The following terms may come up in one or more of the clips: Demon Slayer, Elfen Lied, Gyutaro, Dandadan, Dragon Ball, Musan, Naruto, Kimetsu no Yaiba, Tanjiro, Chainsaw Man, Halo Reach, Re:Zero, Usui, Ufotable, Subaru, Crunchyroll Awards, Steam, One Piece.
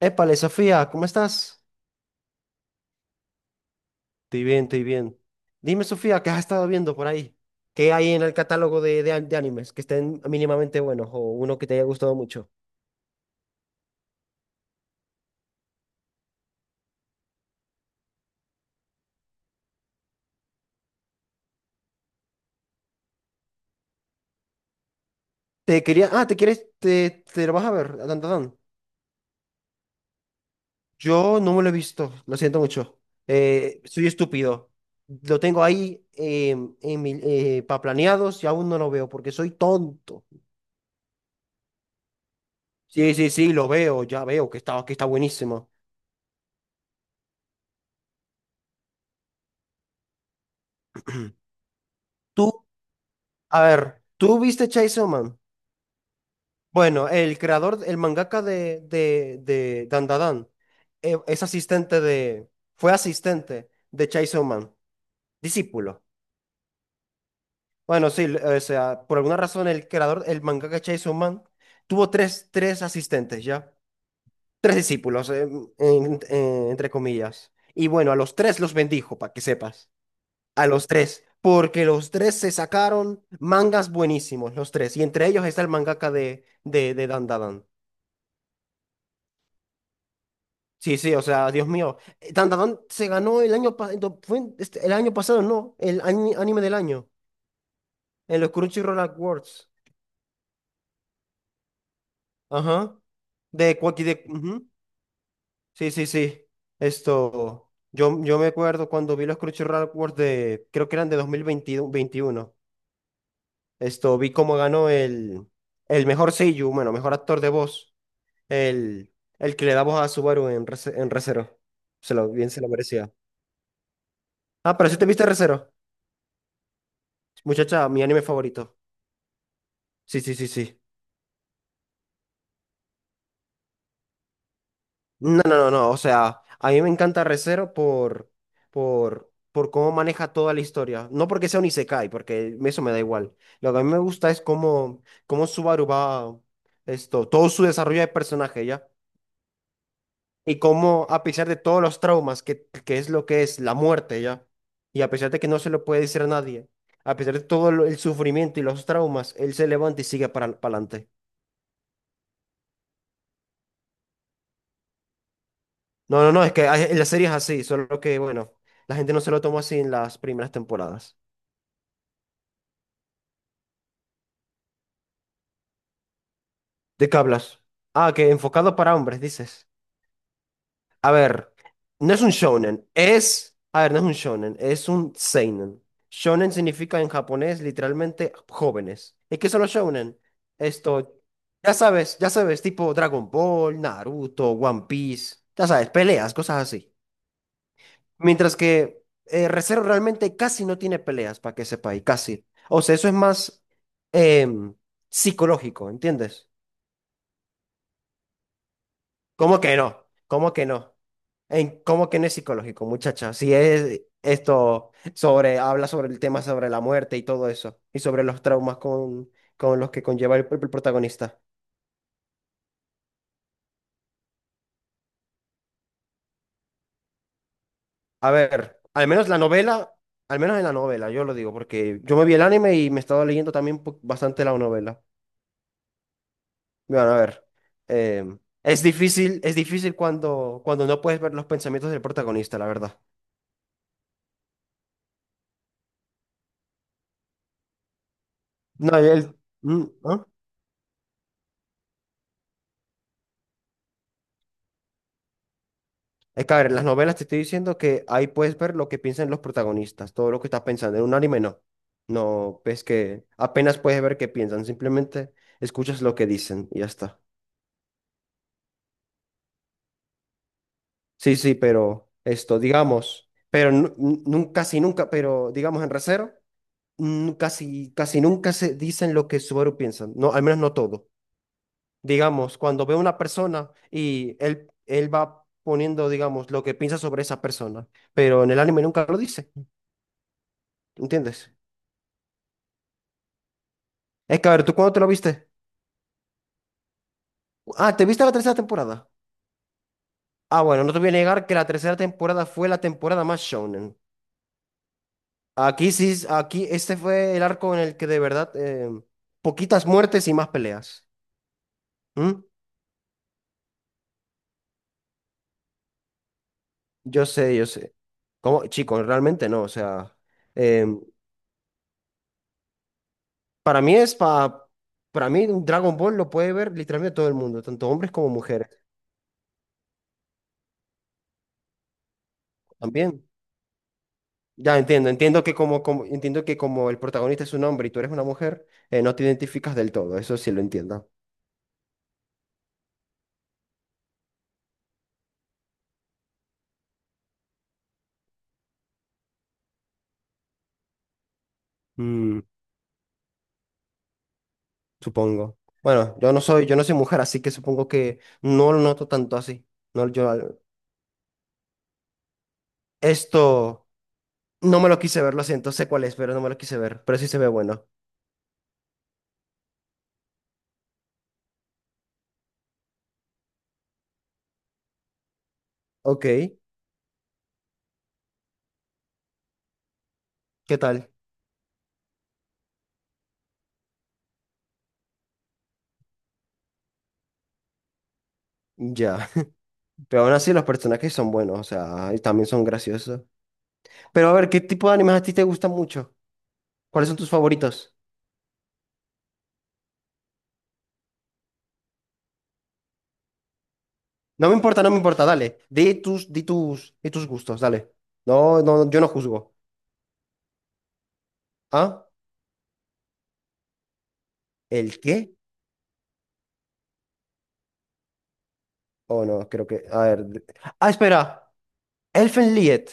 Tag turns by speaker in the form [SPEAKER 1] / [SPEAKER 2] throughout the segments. [SPEAKER 1] Épale, Sofía, ¿cómo estás? Estoy bien, estoy bien. Dime, Sofía, ¿qué has estado viendo por ahí? ¿Qué hay en el catálogo de animes que estén mínimamente buenos o uno que te haya gustado mucho? Te quería... Ah, ¿te quieres? Te lo vas a ver, dan. Dan, Dan. Yo no me lo he visto, lo siento mucho. Soy estúpido. Lo tengo ahí pa' planeados y aún no lo veo porque soy tonto. Sí, sí, sí, lo veo, ya veo que está buenísimo. Tú, a ver, ¿tú viste Chainsaw Man? Bueno, el creador, el mangaka de Dandadan, es asistente de, fue asistente de Chainsaw Man, discípulo. Bueno, sí, l- o sea, por alguna razón el creador, el mangaka de Chainsaw Man, tuvo tres asistentes, ¿ya? Tres discípulos, entre comillas. Y bueno, a los tres los bendijo, para que sepas. A los tres, porque los tres se sacaron mangas buenísimos, los tres. Y entre ellos está el mangaka de Dandadan. Sí, sí, o sea, Dios mío. Dandadan se ganó el año pasado, fue este, el año pasado, no, el anime del año, en los Crunchyroll Awards. Ajá. De Quacky de. Ujú. Sí, sí, sí. Esto. Yo me acuerdo cuando vi los Crunchyroll Awards de. Creo que eran de 2021. Esto. Vi cómo ganó el. El mejor seiyuu, bueno, mejor actor de voz. El, el que le da voz a Subaru en, en Re:Zero. Se lo, bien se lo merecía. Ah, pero si te viste Re:Zero. Muchacha, mi anime favorito. Sí, sí, sí, sí. No, no, no, no. O sea, a mí me encanta Re:Zero por cómo maneja toda la historia. No porque sea un isekai, porque eso me da igual. Lo que a mí me gusta es cómo, cómo Subaru va, esto, todo su desarrollo de personaje, ¿ya? Y cómo, a pesar de todos los traumas, que es lo que es la muerte, ¿ya? Y a pesar de que no se lo puede decir a nadie, a pesar de todo el sufrimiento y los traumas, él se levanta y sigue para adelante. No, no, no, es que la serie es así, solo que, bueno, la gente no se lo tomó así en las primeras temporadas. ¿De qué hablas? Ah, que enfocado para hombres, dices. A ver, no es un shonen, es... A ver, no es un shonen, es un seinen. Shonen significa en japonés literalmente jóvenes. ¿Y qué son los shonen? Esto, ya sabes, tipo Dragon Ball, Naruto, One Piece, ya sabes, peleas, cosas así. Mientras que Re:Zero realmente casi no tiene peleas, para que sepa, y casi. O sea, eso es más em, psicológico, ¿entiendes? ¿Cómo que no? ¿Cómo que no? En, ¿cómo que no es psicológico, muchacha? Si es esto sobre, habla sobre el tema sobre la muerte y todo eso, y sobre los traumas con los que conlleva el protagonista. A ver, al menos la novela, al menos en la novela, yo lo digo, porque yo me vi el anime y me he estado leyendo también bastante la novela. Bueno, a ver. Es difícil, es difícil cuando, cuando no puedes ver los pensamientos del protagonista, la verdad. No, y él. ¿No? Es que, a ver, en las novelas te estoy diciendo que ahí puedes ver lo que piensan los protagonistas, todo lo que estás pensando. En un anime no. No, ves que apenas puedes ver qué piensan, simplemente escuchas lo que dicen y ya está. Sí, sí, pero esto, digamos, pero casi nunca, pero digamos en Re:Zero, casi, casi nunca se dicen lo que Subaru piensa. No, al menos no todo. Digamos, cuando veo una persona y él va poniendo, digamos, lo que piensa sobre esa persona, pero en el anime nunca lo dice, ¿entiendes? Es que, a ver, ¿tú cuándo te lo viste? Ah, ¿te viste la tercera temporada? Ah, bueno, no te voy a negar que la tercera temporada fue la temporada más shonen. Aquí sí, aquí este fue el arco en el que de verdad, poquitas muertes y más peleas. ¿Mm? Yo sé, yo sé. ¿Cómo? Chicos, realmente no, o sea... em, Para mí es para mí un Dragon Ball lo puede ver literalmente todo el mundo, tanto hombres como mujeres. También. Ya entiendo, entiendo que como, como entiendo que como el protagonista es un hombre y tú eres una mujer, no te identificas del todo, eso sí lo entiendo. Mm, supongo. Bueno, yo no soy mujer, así que supongo que no lo noto tanto así. No, yo esto no me lo quise ver, lo siento, sé cuál es, pero no me lo quise ver, pero sí se ve bueno. Ok, ¿qué tal? Ya. Pero aún así los personajes son buenos, o sea, y también son graciosos. Pero a ver, ¿qué tipo de animes a ti te gustan mucho? ¿Cuáles son tus favoritos? No me importa, no me importa, dale. Di tus, di tus, di tus gustos, dale. No, no, yo no juzgo. ¿Ah? ¿El qué? Oh, no, creo que. A ver. Ah, espera. Elfen Lied.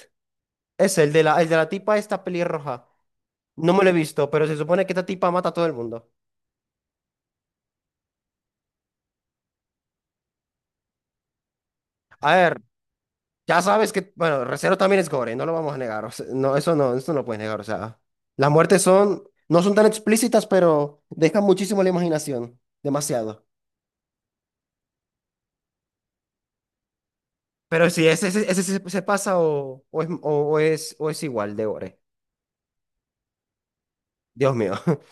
[SPEAKER 1] Es el de la tipa esta pelirroja. No me lo he visto, pero se supone que esta tipa mata a todo el mundo. A ver. Ya sabes que, bueno, Recero también es gore, no lo vamos a negar. O sea, no, eso no, eso no lo puedes negar. O sea, las muertes son, no son tan explícitas, pero dejan muchísimo la imaginación. Demasiado. Pero sí, ese se, se pasa o es igual de gore. Dios mío.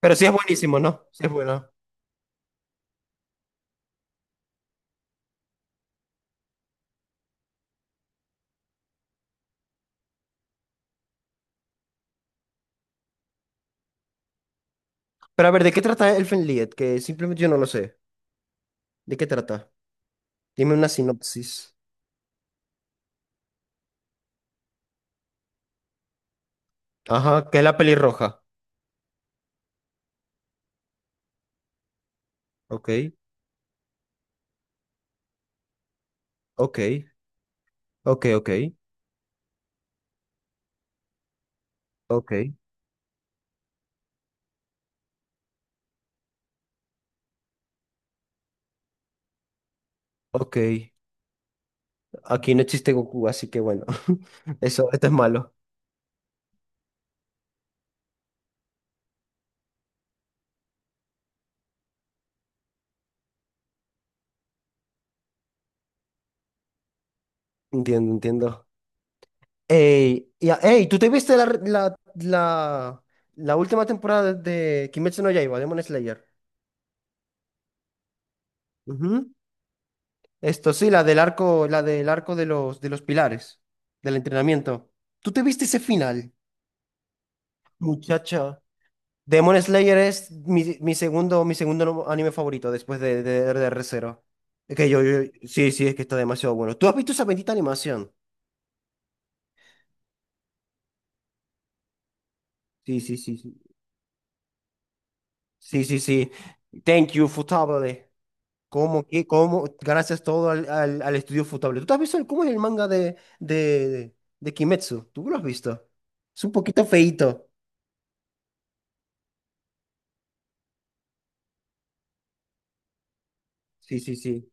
[SPEAKER 1] Pero sí es buenísimo, ¿no? Sí es bueno. Pero a ver, ¿de qué trata Elfen Lied? Que simplemente yo no lo sé. ¿De qué trata? Dime una sinopsis. Ajá, que es la pelirroja. Ok, ok, ok, ok, ok, ok. Aquí no existe Goku, así que bueno, eso, esto es malo. Entiendo, entiendo. Ey, y ey, ¿tú te viste la última temporada de Kimetsu no Yaiba, Demon Slayer? Ujú. Esto sí, la del arco de los pilares, del entrenamiento. ¿Tú te viste ese final? Muchacha. Demon Slayer es mi, mi segundo, anime favorito después de Re:Zero. Es que yo, sí, sí, es que está demasiado bueno. ¿Tú has visto esa bendita animación? Sí, sí, sí, sí. Sí, sí, sí. Thank you, Futable. ¿Cómo que, cómo? Gracias todo al estudio Futable. ¿Tú te has visto cómo es el manga de Kimetsu? ¿Tú lo has visto? Es un poquito feíto. Sí, sí, sí.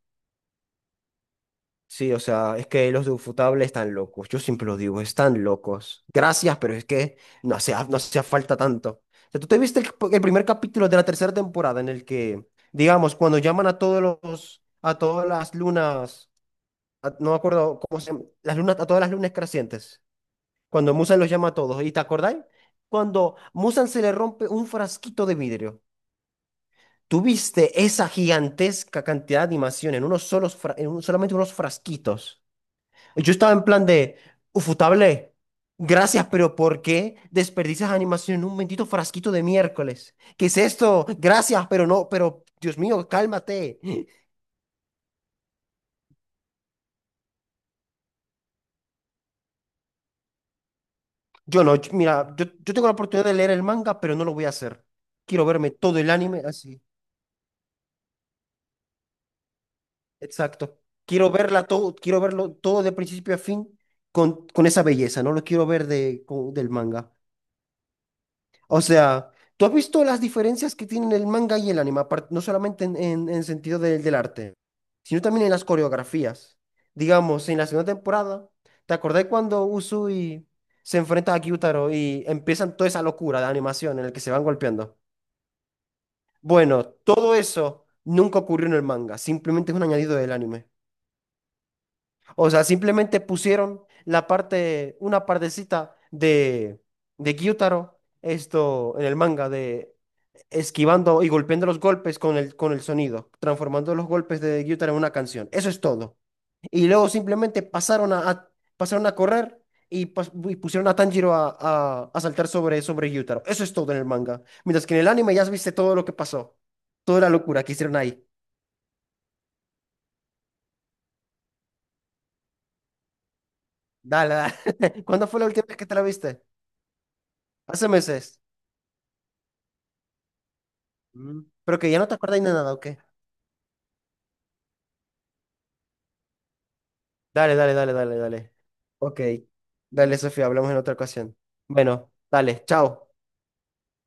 [SPEAKER 1] Sí, o sea, es que los de Ufotable están locos. Yo siempre lo digo, están locos. Gracias, pero es que no hacía, no hacía falta tanto. O sea, ¿tú te viste el primer capítulo de la tercera temporada en el que, digamos, cuando llaman a todos los, a todas las lunas no me acuerdo cómo se llama, las lunas, a todas las lunas crecientes, cuando Musan los llama a todos. ¿Y te acordáis? Cuando Musan se le rompe un frasquito de vidrio. Tuviste esa gigantesca cantidad de animación en unos solos, solamente unos frasquitos. Yo estaba en plan de, ufutable, gracias, pero ¿por qué desperdicias animación en un bendito frasquito de miércoles? ¿Qué es esto? Gracias, pero no, pero Dios mío, cálmate. Yo no, mira, yo tengo la oportunidad de leer el manga, pero no lo voy a hacer. Quiero verme todo el anime así. Exacto. Quiero verla todo, quiero verlo todo de principio a fin con esa belleza, no lo quiero ver de, del manga. O sea, ¿tú has visto las diferencias que tienen el manga y el anime? Apar- No solamente en sentido del del arte, sino también en las coreografías. Digamos, en la segunda temporada, ¿te acordás cuando Usui se enfrenta a Gyutaro y empiezan toda esa locura de animación en el que se van golpeando? Bueno, todo eso nunca ocurrió en el manga, simplemente es un añadido del anime. O sea, simplemente pusieron la parte, una partecita de Gyutaro, esto en el manga, de esquivando y golpeando los golpes con el sonido, transformando los golpes de Gyutaro en una canción. Eso es todo. Y luego simplemente pasaron pasaron a correr y, y pusieron a Tanjiro a saltar sobre, sobre Gyutaro. Eso es todo en el manga. Mientras que en el anime ya viste todo lo que pasó, toda la locura que hicieron ahí. Dale, dale. ¿Cuándo fue la última vez que te la viste? Hace meses. Mm. Pero que ya no te acuerdas ni de nada, ¿o qué? Dale, dale, dale, dale, dale. Ok. Dale, Sofía, hablamos en otra ocasión. Bueno, dale, chao.